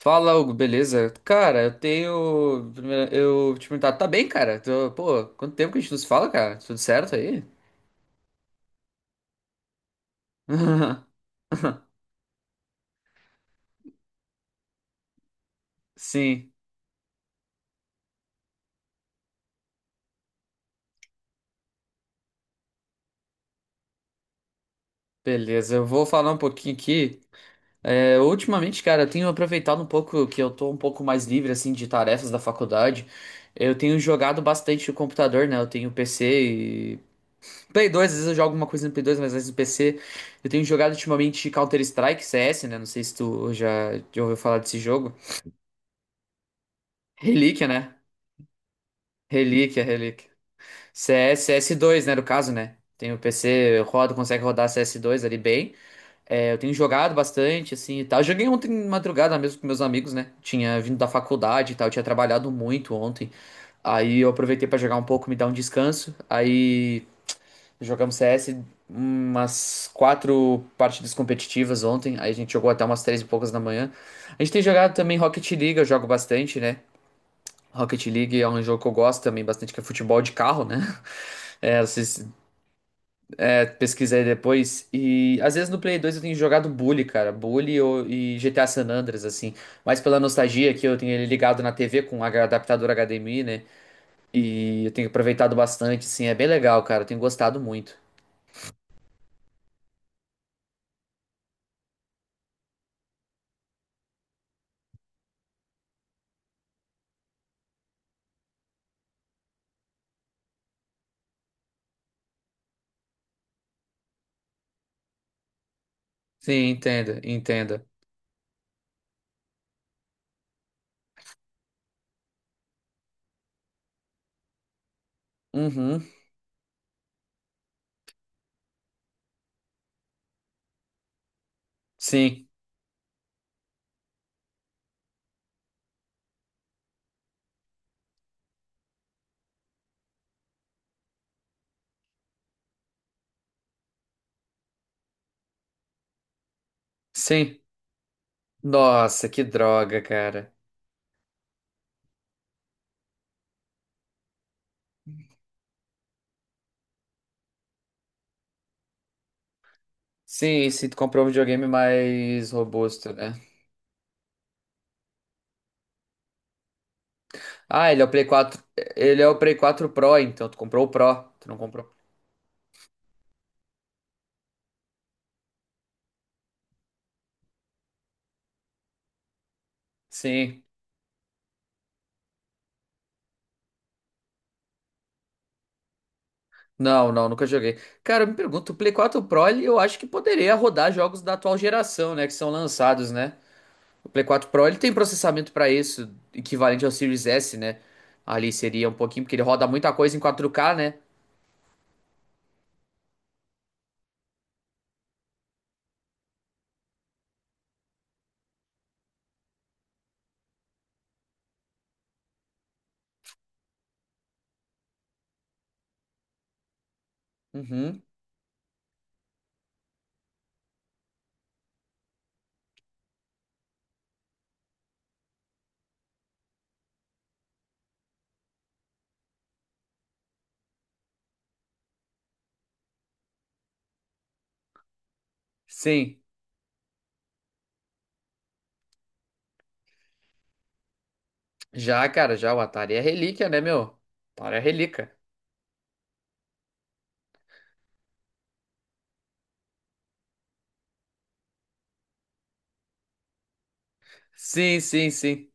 Fala, Hugo, beleza? Cara, Eu te perguntar, tá bem, cara? Pô, quanto tempo que a gente nos fala, cara? Tudo certo aí? Sim, beleza. Eu vou falar um pouquinho aqui. É, ultimamente, cara, eu tenho aproveitado um pouco que eu tô um pouco mais livre, assim, de tarefas da faculdade. Eu tenho jogado bastante o computador, né? Eu tenho PC e. Play 2, às vezes eu jogo alguma coisa no Play 2, mas às vezes no PC. Eu tenho jogado ultimamente Counter-Strike, CS, né? Não sei se tu já ouviu falar desse jogo. Relíquia, né? Relíquia, relíquia. CS, cs dois, né, no caso, né? Tem o PC, eu rodo, consegue rodar cs dois ali bem. É, eu tenho jogado bastante, assim, e tal. Joguei ontem de madrugada mesmo com meus amigos, né? Tinha vindo da faculdade e tal, eu tinha trabalhado muito ontem. Aí eu aproveitei pra jogar um pouco, me dar um descanso. Aí jogamos CS umas 4 partidas competitivas ontem. Aí a gente jogou até umas três e poucas da manhã. A gente tem jogado também Rocket League, eu jogo bastante, né? Rocket League é um jogo que eu gosto também bastante, que é futebol de carro, né? É, pesquisem aí depois. E às vezes no Play 2 eu tenho jogado Bully, cara. E GTA San Andreas, assim. Mas pela nostalgia que eu tenho ele ligado na TV com adaptador HDMI, né? E eu tenho aproveitado bastante, assim. É bem legal, cara. Eu tenho gostado muito. Sim, entenda, entenda. Uhum. Sim, sim. Nossa, que droga, cara. Sim, se tu comprar um videogame mais robusto, né? Ah, ele é o Play 4. Ele é o Play 4 Pro, então. Tu comprou o Pro. Tu não comprou. Sim. Não, não, nunca joguei. Cara, eu me pergunto, o Play 4 Pro, ele, eu acho que poderia rodar jogos da atual geração, né? Que são lançados, né? O Play 4 Pro, ele tem processamento pra isso, equivalente ao Series S, né? Ali seria um pouquinho, porque ele roda muita coisa em 4K, né? Uhum. Sim. Já, cara, já o Atari é relíquia, né, meu? Atari é relíquia. Sim, sim, sim.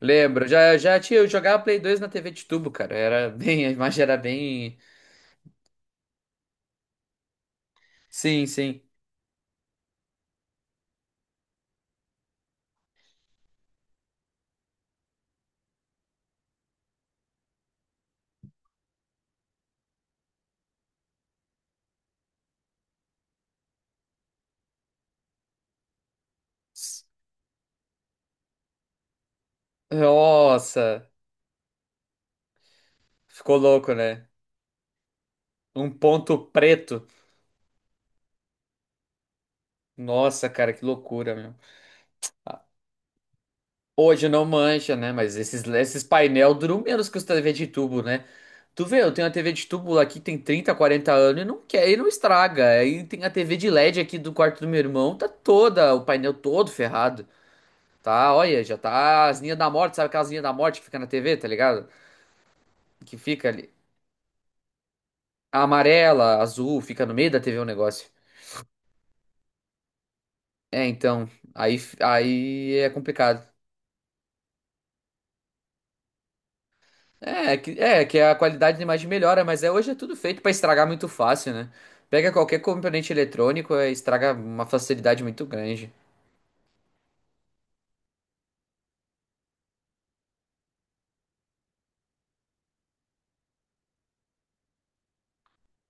Lembro, eu jogava Play 2 na TV de tubo, cara. Era bem, a imagem era bem. Sim, sim. S- Nossa, ficou louco, né? Um ponto preto. Nossa, cara, que loucura, meu. Hoje não mancha, né? Mas esses painel duram menos que os TV de tubo, né? Tu vê, eu tenho a TV de tubo aqui, tem 30, 40 anos e não quer, e não estraga. Aí tem a TV de LED aqui do quarto do meu irmão, tá toda, o painel todo ferrado. Tá, olha, já tá as linhas da morte, sabe aquelas linhas da morte que fica na TV, tá ligado? Que fica ali. A amarela, azul, fica no meio da TV o negócio. É, então, aí é complicado. É, é que a qualidade da imagem melhora, mas é, hoje é tudo feito pra estragar muito fácil, né? Pega qualquer componente eletrônico, é, estraga uma facilidade muito grande.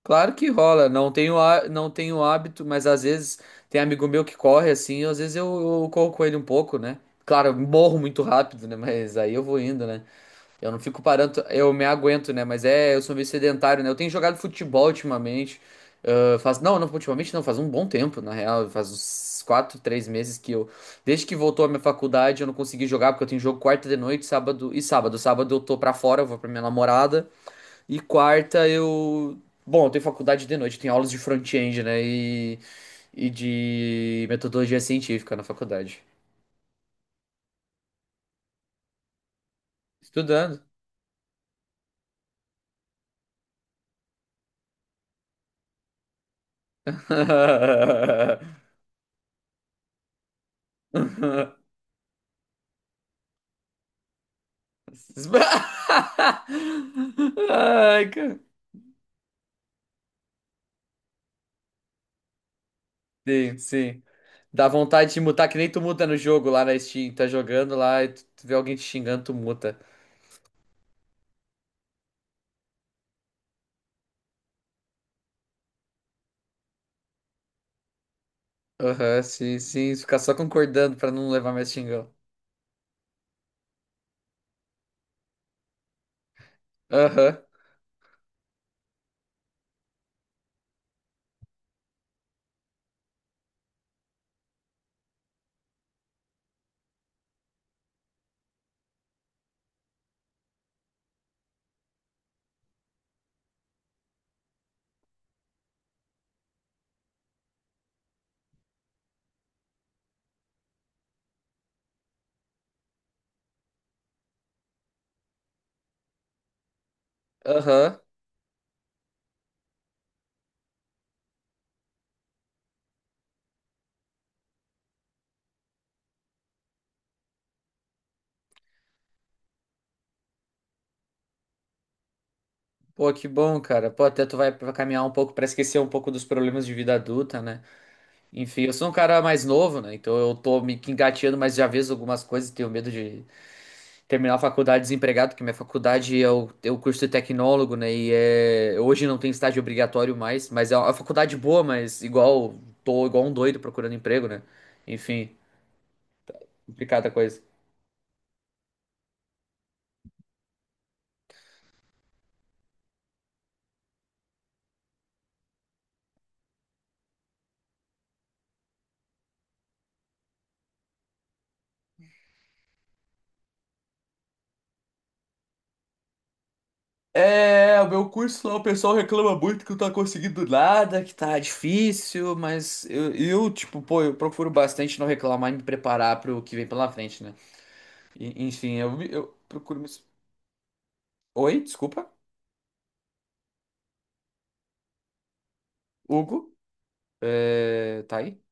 Claro que rola, não tenho hábito, mas às vezes tem amigo meu que corre assim, eu corro com ele um pouco, né? Claro, eu morro muito rápido, né? Mas aí eu vou indo, né? Eu não fico parando, eu me aguento, né? Mas é, eu sou meio sedentário, né? Eu tenho jogado futebol ultimamente. Ah, faz, não, não, ultimamente não, faz um bom tempo, na real. Faz uns 4, 3 meses que eu. Desde que voltou a minha faculdade, eu não consegui jogar, porque eu tenho jogo quarta de noite, sábado e sábado. Sábado eu tô pra fora, eu vou pra minha namorada. E quarta eu. Bom, eu tenho faculdade de noite, tenho aulas de front-end, né? E de metodologia científica na faculdade. Estudando. Ai, cara. Sim, sim. Dá vontade de mutar, que nem tu muta no jogo lá na Steam. Tá jogando lá e tu vê alguém te xingando, tu muta. Aham, sim, sim. Ficar só concordando pra não levar mais xingão. Aham, aham. Pô, que bom, cara. Pô, até tu vai caminhar um pouco pra esquecer um pouco dos problemas de vida adulta, né? Enfim, eu sou um cara mais novo, né? Então eu tô me engateando, mas já vejo algumas coisas e tenho medo de terminar a faculdade desempregado, que minha faculdade é é o curso de tecnólogo, né? E é, hoje não tem estágio obrigatório mais, mas é uma faculdade boa, mas igual, tô igual um doido procurando emprego, né? Enfim, complicada a coisa. É, o meu curso lá, o pessoal reclama muito que não tá conseguindo nada, que tá difícil, mas tipo, pô, eu procuro bastante não reclamar e me preparar pro que vem pela frente, né? Eu procuro me... Oi, desculpa, Hugo, é, tá aí?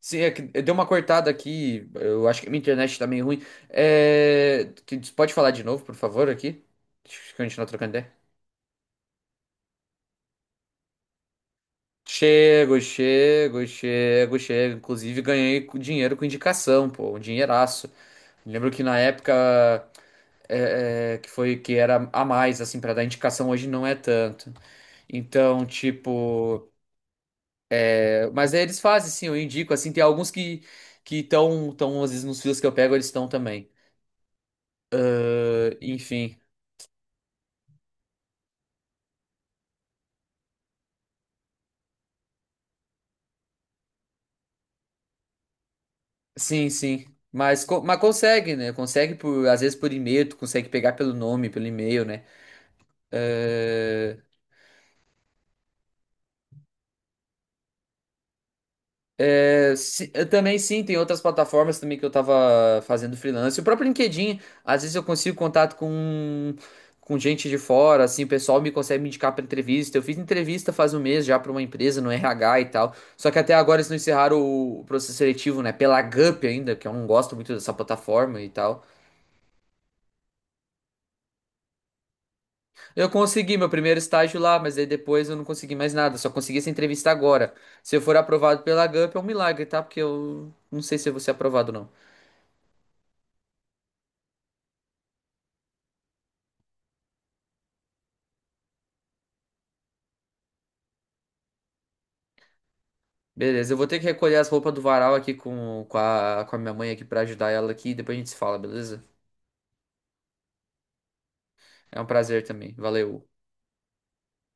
Sim, é que deu uma cortada aqui. Eu acho que minha internet tá meio ruim. Pode falar de novo, por favor, aqui? Deixa eu continuar trocando ideia. Chego, chego, chego, chego. Inclusive, ganhei dinheiro com indicação, pô, um dinheiraço. Lembro que na época que foi que era a mais, assim, pra dar indicação, hoje não é tanto. Então, tipo. Mas aí eles fazem, sim, eu indico, assim, tem alguns que. Que estão, às vezes, nos fios que eu pego, eles estão também. Ah, enfim. Sim, sim. Mas, mas consegue, né? Consegue por, às vezes por e-mail, tu consegue pegar pelo nome, pelo e-mail, né? Eh, eu também sim, tem outras plataformas também que eu tava fazendo freelance. O próprio LinkedIn, às vezes eu consigo contato com gente de fora, assim, o pessoal me consegue me indicar pra entrevista. Eu fiz entrevista faz 1 mês já pra uma empresa no RH e tal. Só que até agora eles não encerraram o processo seletivo, né? Pela Gup ainda, que eu não gosto muito dessa plataforma e tal. Eu consegui meu primeiro estágio lá, mas aí depois eu não consegui mais nada. Só consegui essa entrevista agora. Se eu for aprovado pela Gump é um milagre, tá? Porque eu não sei se eu vou ser aprovado ou não. Beleza, eu vou ter que recolher as roupas do varal aqui com, com a minha mãe aqui pra ajudar ela aqui. Depois a gente se fala, beleza? É um prazer também. Valeu.